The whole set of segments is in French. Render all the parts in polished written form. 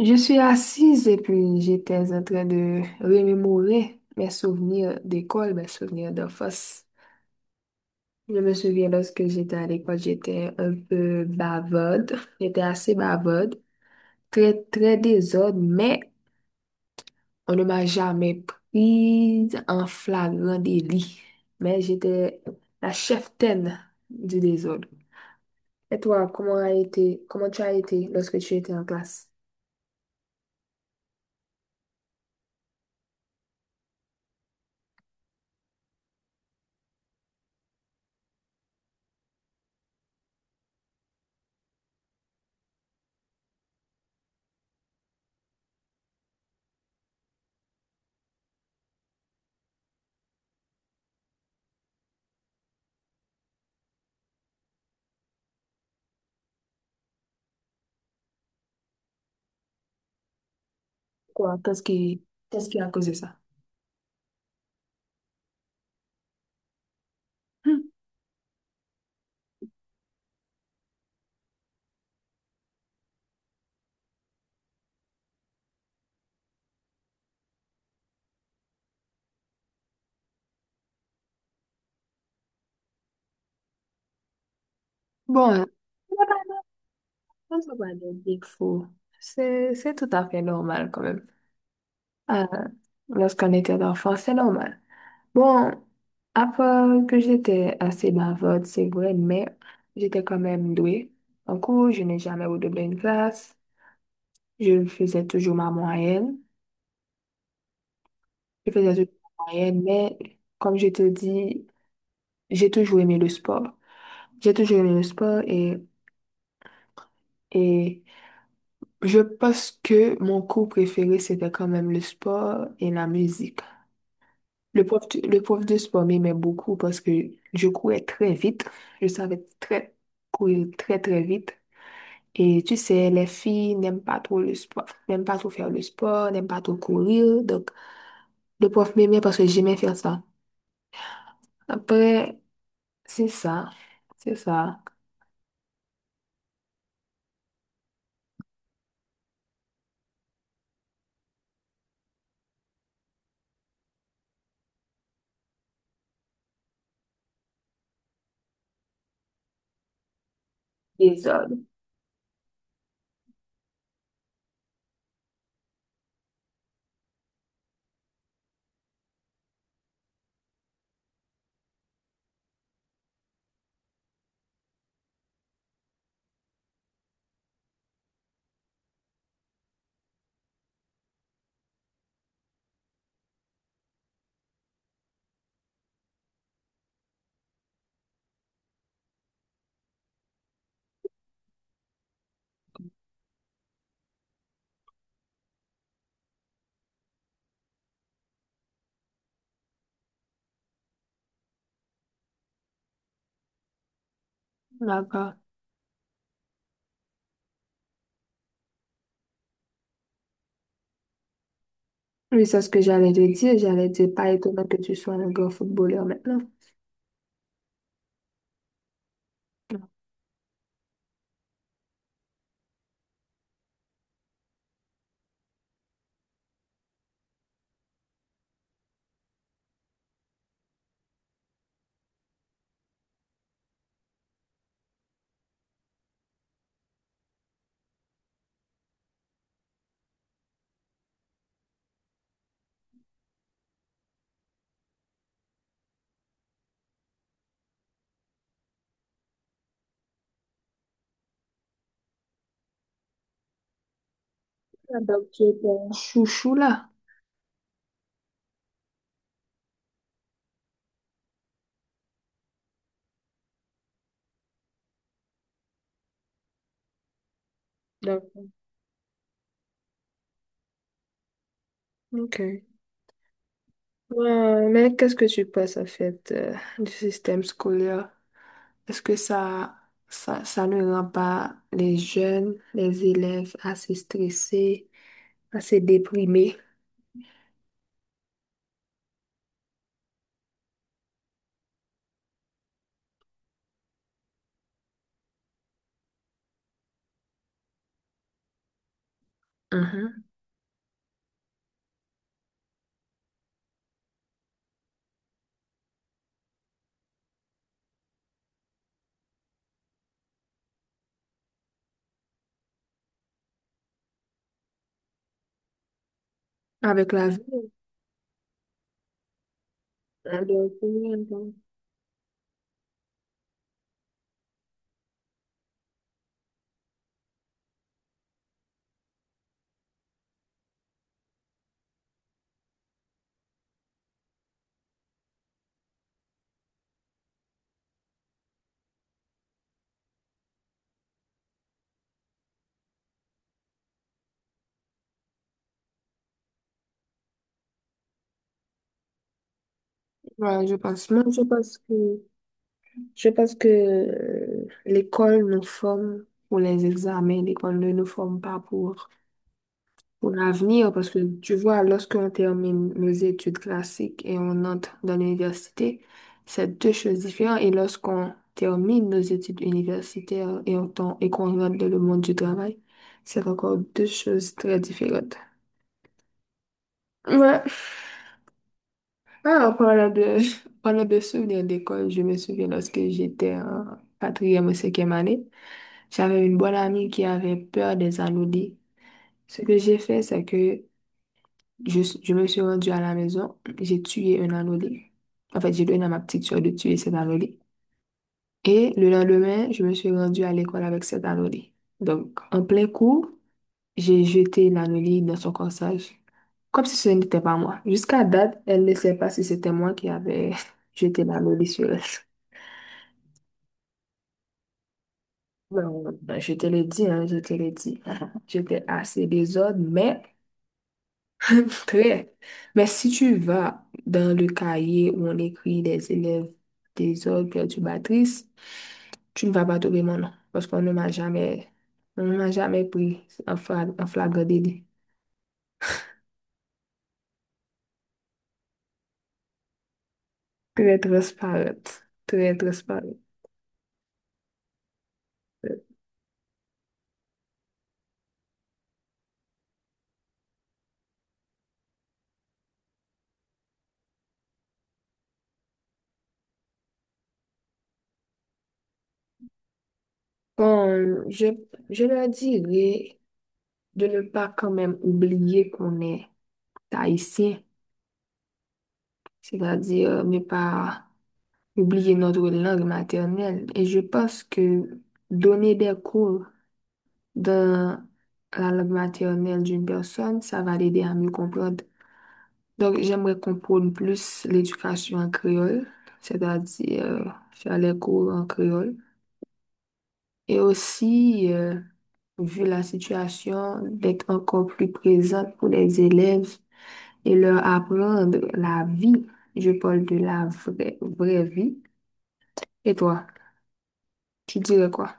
Je suis assise et puis j'étais en train de remémorer mes souvenirs d'école, mes souvenirs d'enfance. Je me souviens, lorsque j'étais à l'école, j'étais un peu bavarde. J'étais assez bavarde, très, très désordre, mais on ne m'a jamais prise en flagrant délit. Mais j'étais la cheftaine du désordre. Et toi, comment tu as été lorsque tu étais en classe? Quoi? Qu'est-ce qui a causé ça? Bon, il y a pas on parle de Big Four. C'est tout à fait normal quand même. Euh, Lorsqu'on était enfant, c'est normal. Bon, à part que j'étais assez bavarde, c'est vrai, mais j'étais quand même douée. En cours, je n'ai jamais redoublé une classe. Je faisais toujours ma moyenne. Je faisais toujours ma moyenne, mais comme je te dis, j'ai toujours aimé le sport. J'ai toujours aimé le sport et je pense que mon cours préféré, c'était quand même le sport et la musique. Le prof de sport m'aimait beaucoup parce que je courais très vite. Je savais très courir très, très vite. Et tu sais, les filles n'aiment pas trop le sport, n'aiment pas trop faire le sport, n'aiment pas trop courir. Donc, le prof m'aimait parce que j'aimais faire ça. Après, c'est ça. C'est ça. Désordre. D'accord. Oui, c'est ce que j'allais te dire. J'allais te dire, pas étonnant que tu sois un grand footballeur maintenant. Ah, donc tu es ton chouchou là. D'accord. Ok. Ouais, mais qu'est-ce que tu penses en fait, du système scolaire? Est-ce que ça, ça ne rend pas les jeunes, les élèves assez stressés, assez déprimés? Mhm. Avec la vie? Alors, combien de temps. Voilà, je pense. Moi, je pense que l'école nous forme pour les examens, l'école ne nous forme pas pour, pour l'avenir, parce que tu vois, lorsqu'on termine nos études classiques et on entre dans l'université, c'est deux choses différentes. Et lorsqu'on termine nos études universitaires et et qu'on rentre dans le monde du travail, c'est encore deux choses très différentes. Ouais. Ah, en parlant de, en parlant de souvenirs d'école, je me souviens lorsque j'étais en quatrième ou cinquième année, j'avais une bonne amie qui avait peur des anolis. Ce que j'ai fait, c'est que je me suis rendue à la maison, j'ai tué un anolis. En fait, j'ai donné à ma petite soeur de tuer cet anolis. Et le lendemain, je me suis rendue à l'école avec cet anolis. Donc, en plein cours, j'ai jeté l'anneau dans son corsage, comme si ce n'était pas moi. Jusqu'à date, elle ne sait pas si c'était moi qui avais jeté l'anneau sur elle. Bon, ben, je te l'ai dit, hein, je te l'ai dit. J'étais assez désordre, mais très. Mais si tu vas dans le cahier où on écrit des élèves désordres perturbatrices, tu ne vas pas trouver mon nom, parce qu'on ne m'a jamais pris en en flagrant délit. Très transparente, très transparente. Bon, je leur dirais de ne pas quand même oublier qu'on est haïtien, c'est-à-dire, ne pas oublier notre langue maternelle. Et je pense que donner des cours dans la langue maternelle d'une personne, ça va l'aider à mieux comprendre. Donc, j'aimerais qu'on prône plus l'éducation en créole, c'est-à-dire, faire les cours en créole. Et aussi, vu la situation, d'être encore plus présente pour les élèves et leur apprendre la vie. Je parle de la vraie, vraie vie. Et toi, tu dirais quoi?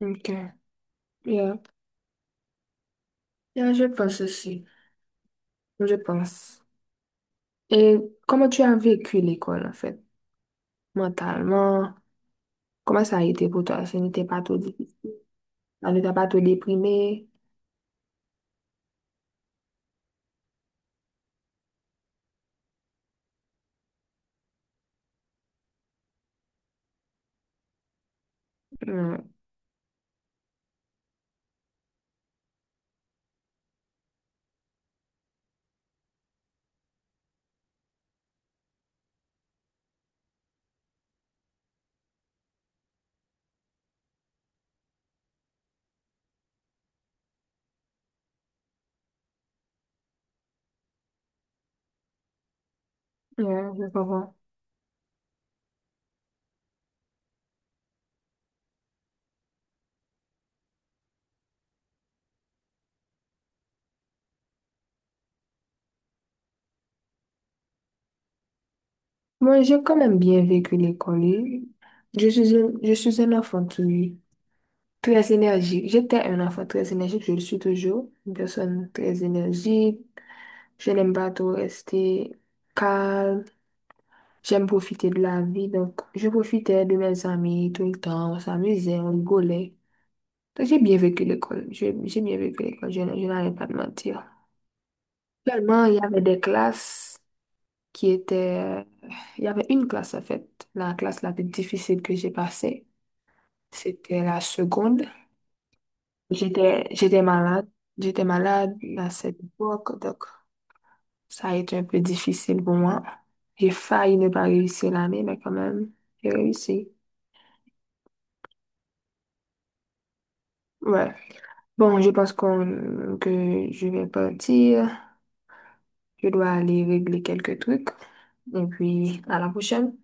Ok. Yeah. Yeah, je pense aussi. Je pense. Et comment tu as vécu l'école, en fait, mentalement? Comment ça a été pour toi? Ça n'était pas trop difficile. Ça ne t'a pas trop déprimé? Hmm. Yeah, je comprends. Moi, j'ai quand même bien vécu l'école. Je suis un enfant qui. Très énergique. J'étais un enfant très énergique, je le suis toujours. Une personne très énergique. Je n'aime pas trop rester calme. J'aime profiter de la vie. Donc, je profitais de mes amis tout le temps. On s'amusait, on rigolait. Donc, j'ai bien vécu l'école. J'ai bien vécu l'école. Je n'allais pas de mentir. Seulement, il y avait des classes qui étaient... Il y avait une classe, en fait. La classe la plus difficile que j'ai passée, c'était la seconde. J'étais malade. J'étais malade à cette époque, donc ça a été un peu difficile pour moi. J'ai failli ne pas réussir l'année, mais quand même, j'ai réussi. Ouais. Bon, je pense que je vais partir. Je dois aller régler quelques trucs. Et puis, à la prochaine.